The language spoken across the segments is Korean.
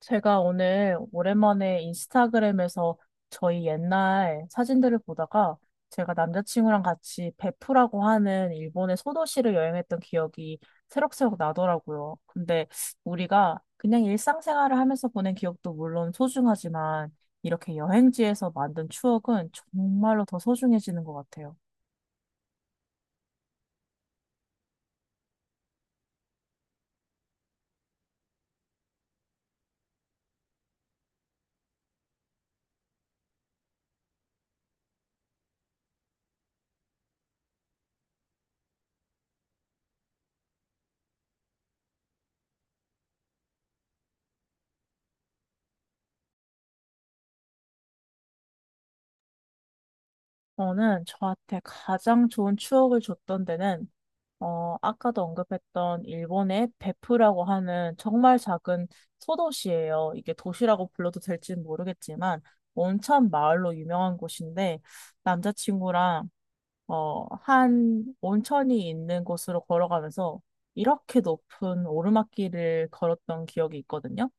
제가 오늘 오랜만에 인스타그램에서 저희 옛날 사진들을 보다가 제가 남자친구랑 같이 베푸라고 하는 일본의 소도시를 여행했던 기억이 새록새록 나더라고요. 근데 우리가 그냥 일상생활을 하면서 보낸 기억도 물론 소중하지만 이렇게 여행지에서 만든 추억은 정말로 더 소중해지는 것 같아요. 저는 저한테 가장 좋은 추억을 줬던 데는 아까도 언급했던 일본의 베프라고 하는 정말 작은 소도시예요. 이게 도시라고 불러도 될지는 모르겠지만 온천 마을로 유명한 곳인데 남자친구랑 한 온천이 있는 곳으로 걸어가면서 이렇게 높은 오르막길을 걸었던 기억이 있거든요.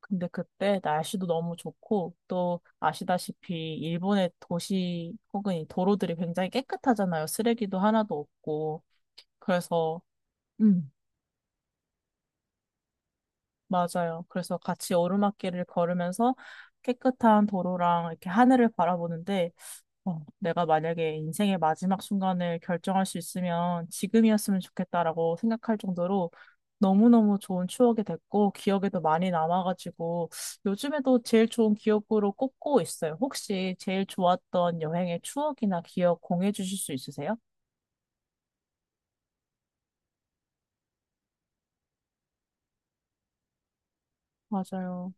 근데 그때 날씨도 너무 좋고 또 아시다시피 일본의 도시 혹은 이 도로들이 굉장히 깨끗하잖아요. 쓰레기도 하나도 없고. 그래서 음. 맞아요. 그래서 같이 오르막길을 걸으면서 깨끗한 도로랑 이렇게 하늘을 바라보는데, 내가 만약에 인생의 마지막 순간을 결정할 수 있으면 지금이었으면 좋겠다라고 생각할 정도로 너무너무 좋은 추억이 됐고, 기억에도 많이 남아가지고, 요즘에도 제일 좋은 기억으로 꼽고 있어요. 혹시 제일 좋았던 여행의 추억이나 기억 공유해 주실 수 있으세요? 맞아요.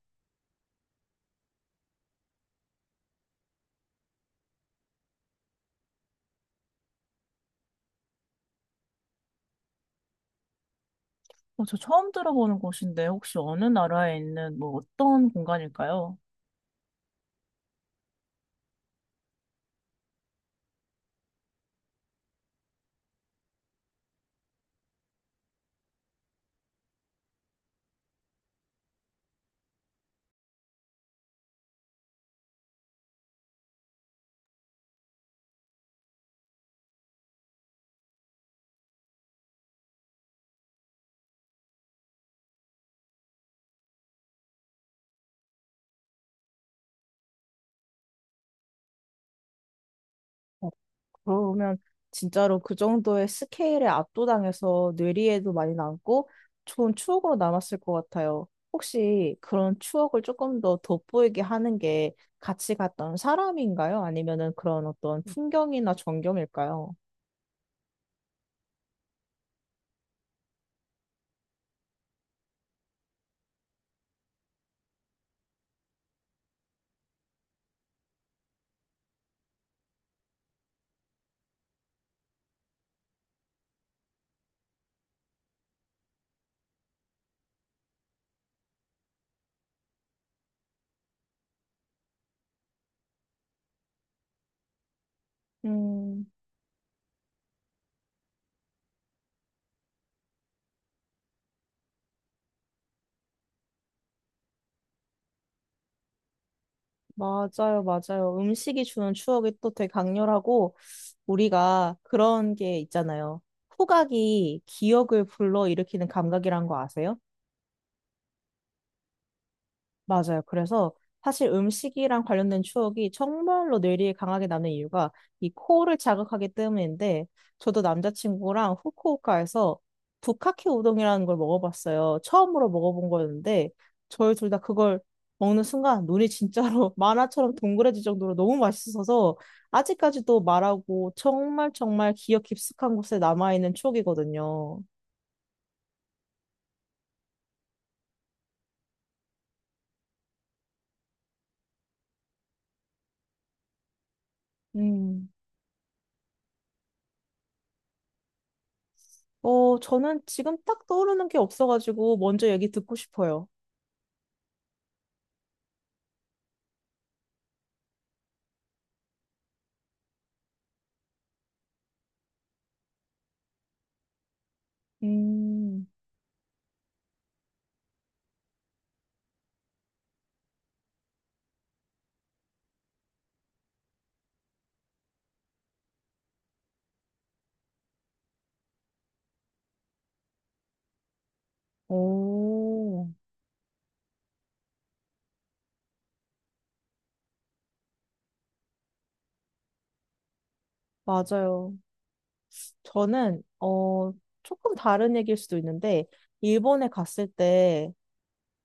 어, 저 처음 들어보는 곳인데, 혹시 어느 나라에 있는 뭐 어떤 공간일까요? 그러면 진짜로 그 정도의 스케일에 압도당해서 뇌리에도 많이 남고 좋은 추억으로 남았을 것 같아요. 혹시 그런 추억을 조금 더 돋보이게 하는 게 같이 갔던 사람인가요? 아니면은 그런 어떤 풍경이나 전경일까요? 음, 맞아요, 맞아요. 음식이 주는 추억이 또 되게 강렬하고 우리가 그런 게 있잖아요. 후각이 기억을 불러일으키는 감각이란 거 아세요? 맞아요. 그래서 사실 음식이랑 관련된 추억이 정말로 뇌리에 강하게 남는 이유가 이 코를 자극하기 때문인데 저도 남자친구랑 후쿠오카에서 부카케 우동이라는 걸 먹어봤어요. 처음으로 먹어본 거였는데 저희 둘 다 그걸 먹는 순간 눈이 진짜로 만화처럼 동그래질 정도로 너무 맛있어서 아직까지도 말하고 정말 정말 기억 깊숙한 곳에 남아있는 추억이거든요. 음. 저는 지금 딱 떠오르는 게 없어가지고 먼저 얘기 듣고 싶어요. 음, 오, 맞아요. 저는, 조금 다른 얘기일 수도 있는데, 일본에 갔을 때,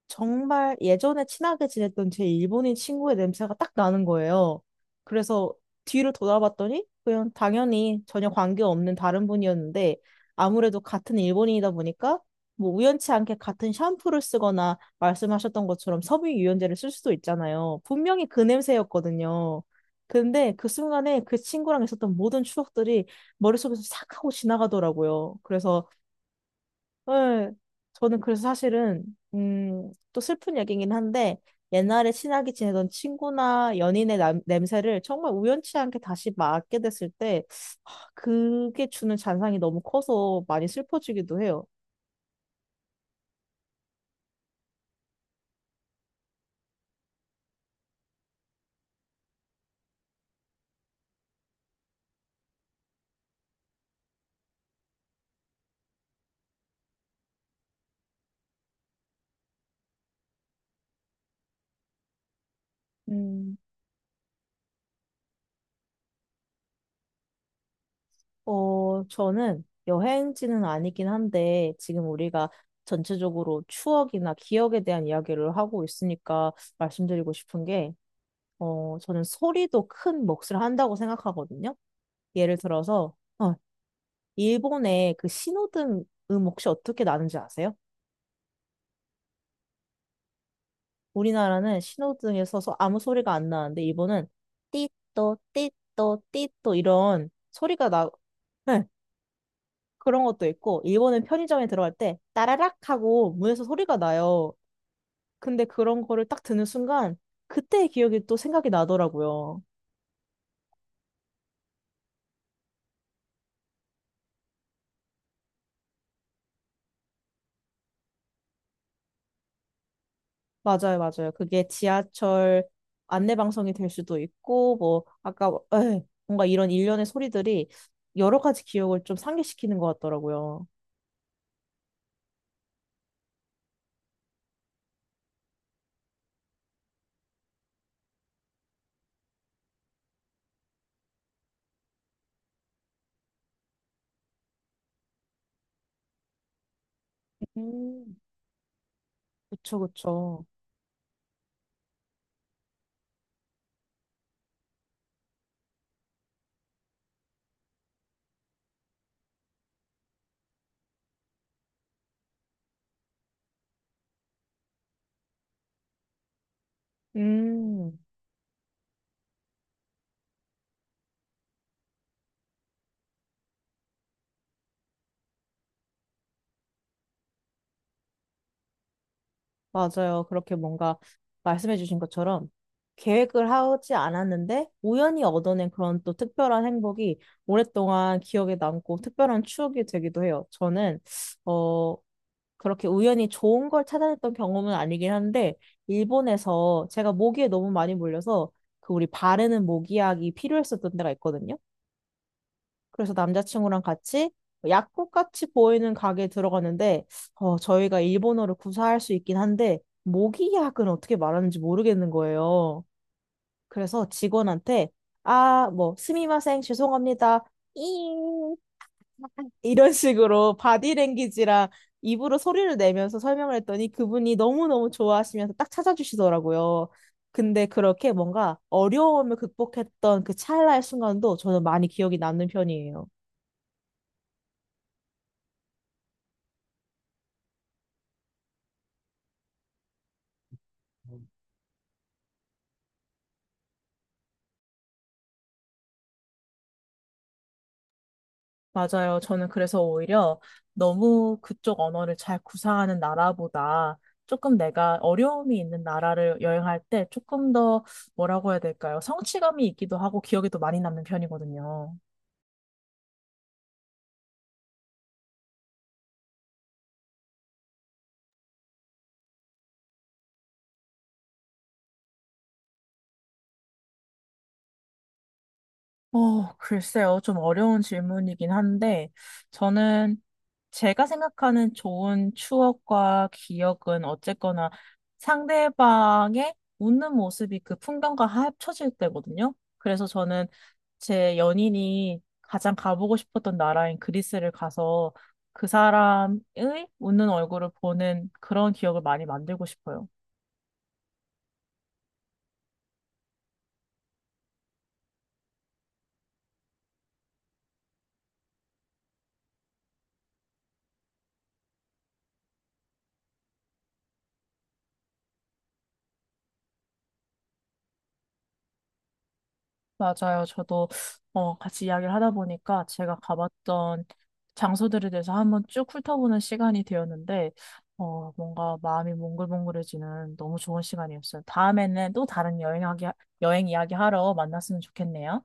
정말 예전에 친하게 지냈던 제 일본인 친구의 냄새가 딱 나는 거예요. 그래서 뒤를 돌아봤더니 그냥 당연히 전혀 관계없는 다른 분이었는데 아무래도 같은 일본인이다 보니까 뭐 우연치 않게 같은 샴푸를 쓰거나 말씀하셨던 것처럼 섬유유연제를 쓸 수도 있잖아요. 분명히 그 냄새였거든요. 근데 그 순간에 그 친구랑 있었던 모든 추억들이 머릿속에서 싹 하고 지나가더라고요. 그래서 네. 저는 그래서 사실은, 또 슬픈 얘기긴 한데, 옛날에 친하게 지내던 친구나 연인의 냄새를 정말 우연치 않게 다시 맡게 됐을 때, 하, 그게 주는 잔상이 너무 커서 많이 슬퍼지기도 해요. 음, 저는 여행지는 아니긴 한데, 지금 우리가 전체적으로 추억이나 기억에 대한 이야기를 하고 있으니까 말씀드리고 싶은 게, 저는 소리도 큰 몫을 한다고 생각하거든요. 예를 들어서, 일본의 그 신호등 혹시 어떻게 나는지 아세요? 우리나라는 신호등에서 아무 소리가 안 나는데, 일본은 띠또, 띠또, 띠또 이런 소리가 나, 네, 그런 것도 있고, 일본은 편의점에 들어갈 때 따라락 하고 문에서 소리가 나요. 근데 그런 거를 딱 듣는 순간, 그때의 기억이 또 생각이 나더라고요. 맞아요, 맞아요. 그게 지하철 안내 방송이 될 수도 있고, 뭐, 아까, 에이, 뭔가 이런 일련의 소리들이 여러 가지 기억을 좀 상기시키는 것 같더라고요. 음. 그쵸, 그쵸. 음, 맞아요. 그렇게 뭔가 말씀해주신 것처럼 계획을 하지 않았는데 우연히 얻어낸 그런 또 특별한 행복이 오랫동안 기억에 남고 특별한 추억이 되기도 해요. 저는, 어, 그렇게 우연히 좋은 걸 찾아냈던 경험은 아니긴 한데, 일본에서 제가 모기에 너무 많이 물려서 그 우리 바르는 모기약이 필요했었던 데가 있거든요. 그래서 남자친구랑 같이 약국 같이 보이는 가게에 들어갔는데, 저희가 일본어를 구사할 수 있긴 한데, 모기약은 어떻게 말하는지 모르겠는 거예요. 그래서 직원한테, 아, 뭐, 스미마셍, 죄송합니다. 잉 이런 식으로 바디랭귀지랑 입으로 소리를 내면서 설명을 했더니 그분이 너무너무 좋아하시면서 딱 찾아주시더라고요. 근데 그렇게 뭔가 어려움을 극복했던 그 찰나의 순간도 저는 많이 기억이 남는 편이에요. 맞아요. 저는 그래서 오히려 너무 그쪽 언어를 잘 구사하는 나라보다 조금 내가 어려움이 있는 나라를 여행할 때 조금 더 뭐라고 해야 될까요? 성취감이 있기도 하고 기억에도 많이 남는 편이거든요. 글쎄요. 좀 어려운 질문이긴 한데, 저는 제가 생각하는 좋은 추억과 기억은 어쨌거나 상대방의 웃는 모습이 그 풍경과 합쳐질 때거든요. 그래서 저는 제 연인이 가장 가보고 싶었던 나라인 그리스를 가서 그 사람의 웃는 얼굴을 보는 그런 기억을 많이 만들고 싶어요. 맞아요. 저도, 같이 이야기를 하다 보니까 제가 가봤던 장소들에 대해서 한번 쭉 훑어보는 시간이 되었는데, 뭔가 마음이 몽글몽글해지는 너무 좋은 시간이었어요. 다음에는 또 다른 여행 이야기 하러 만났으면 좋겠네요.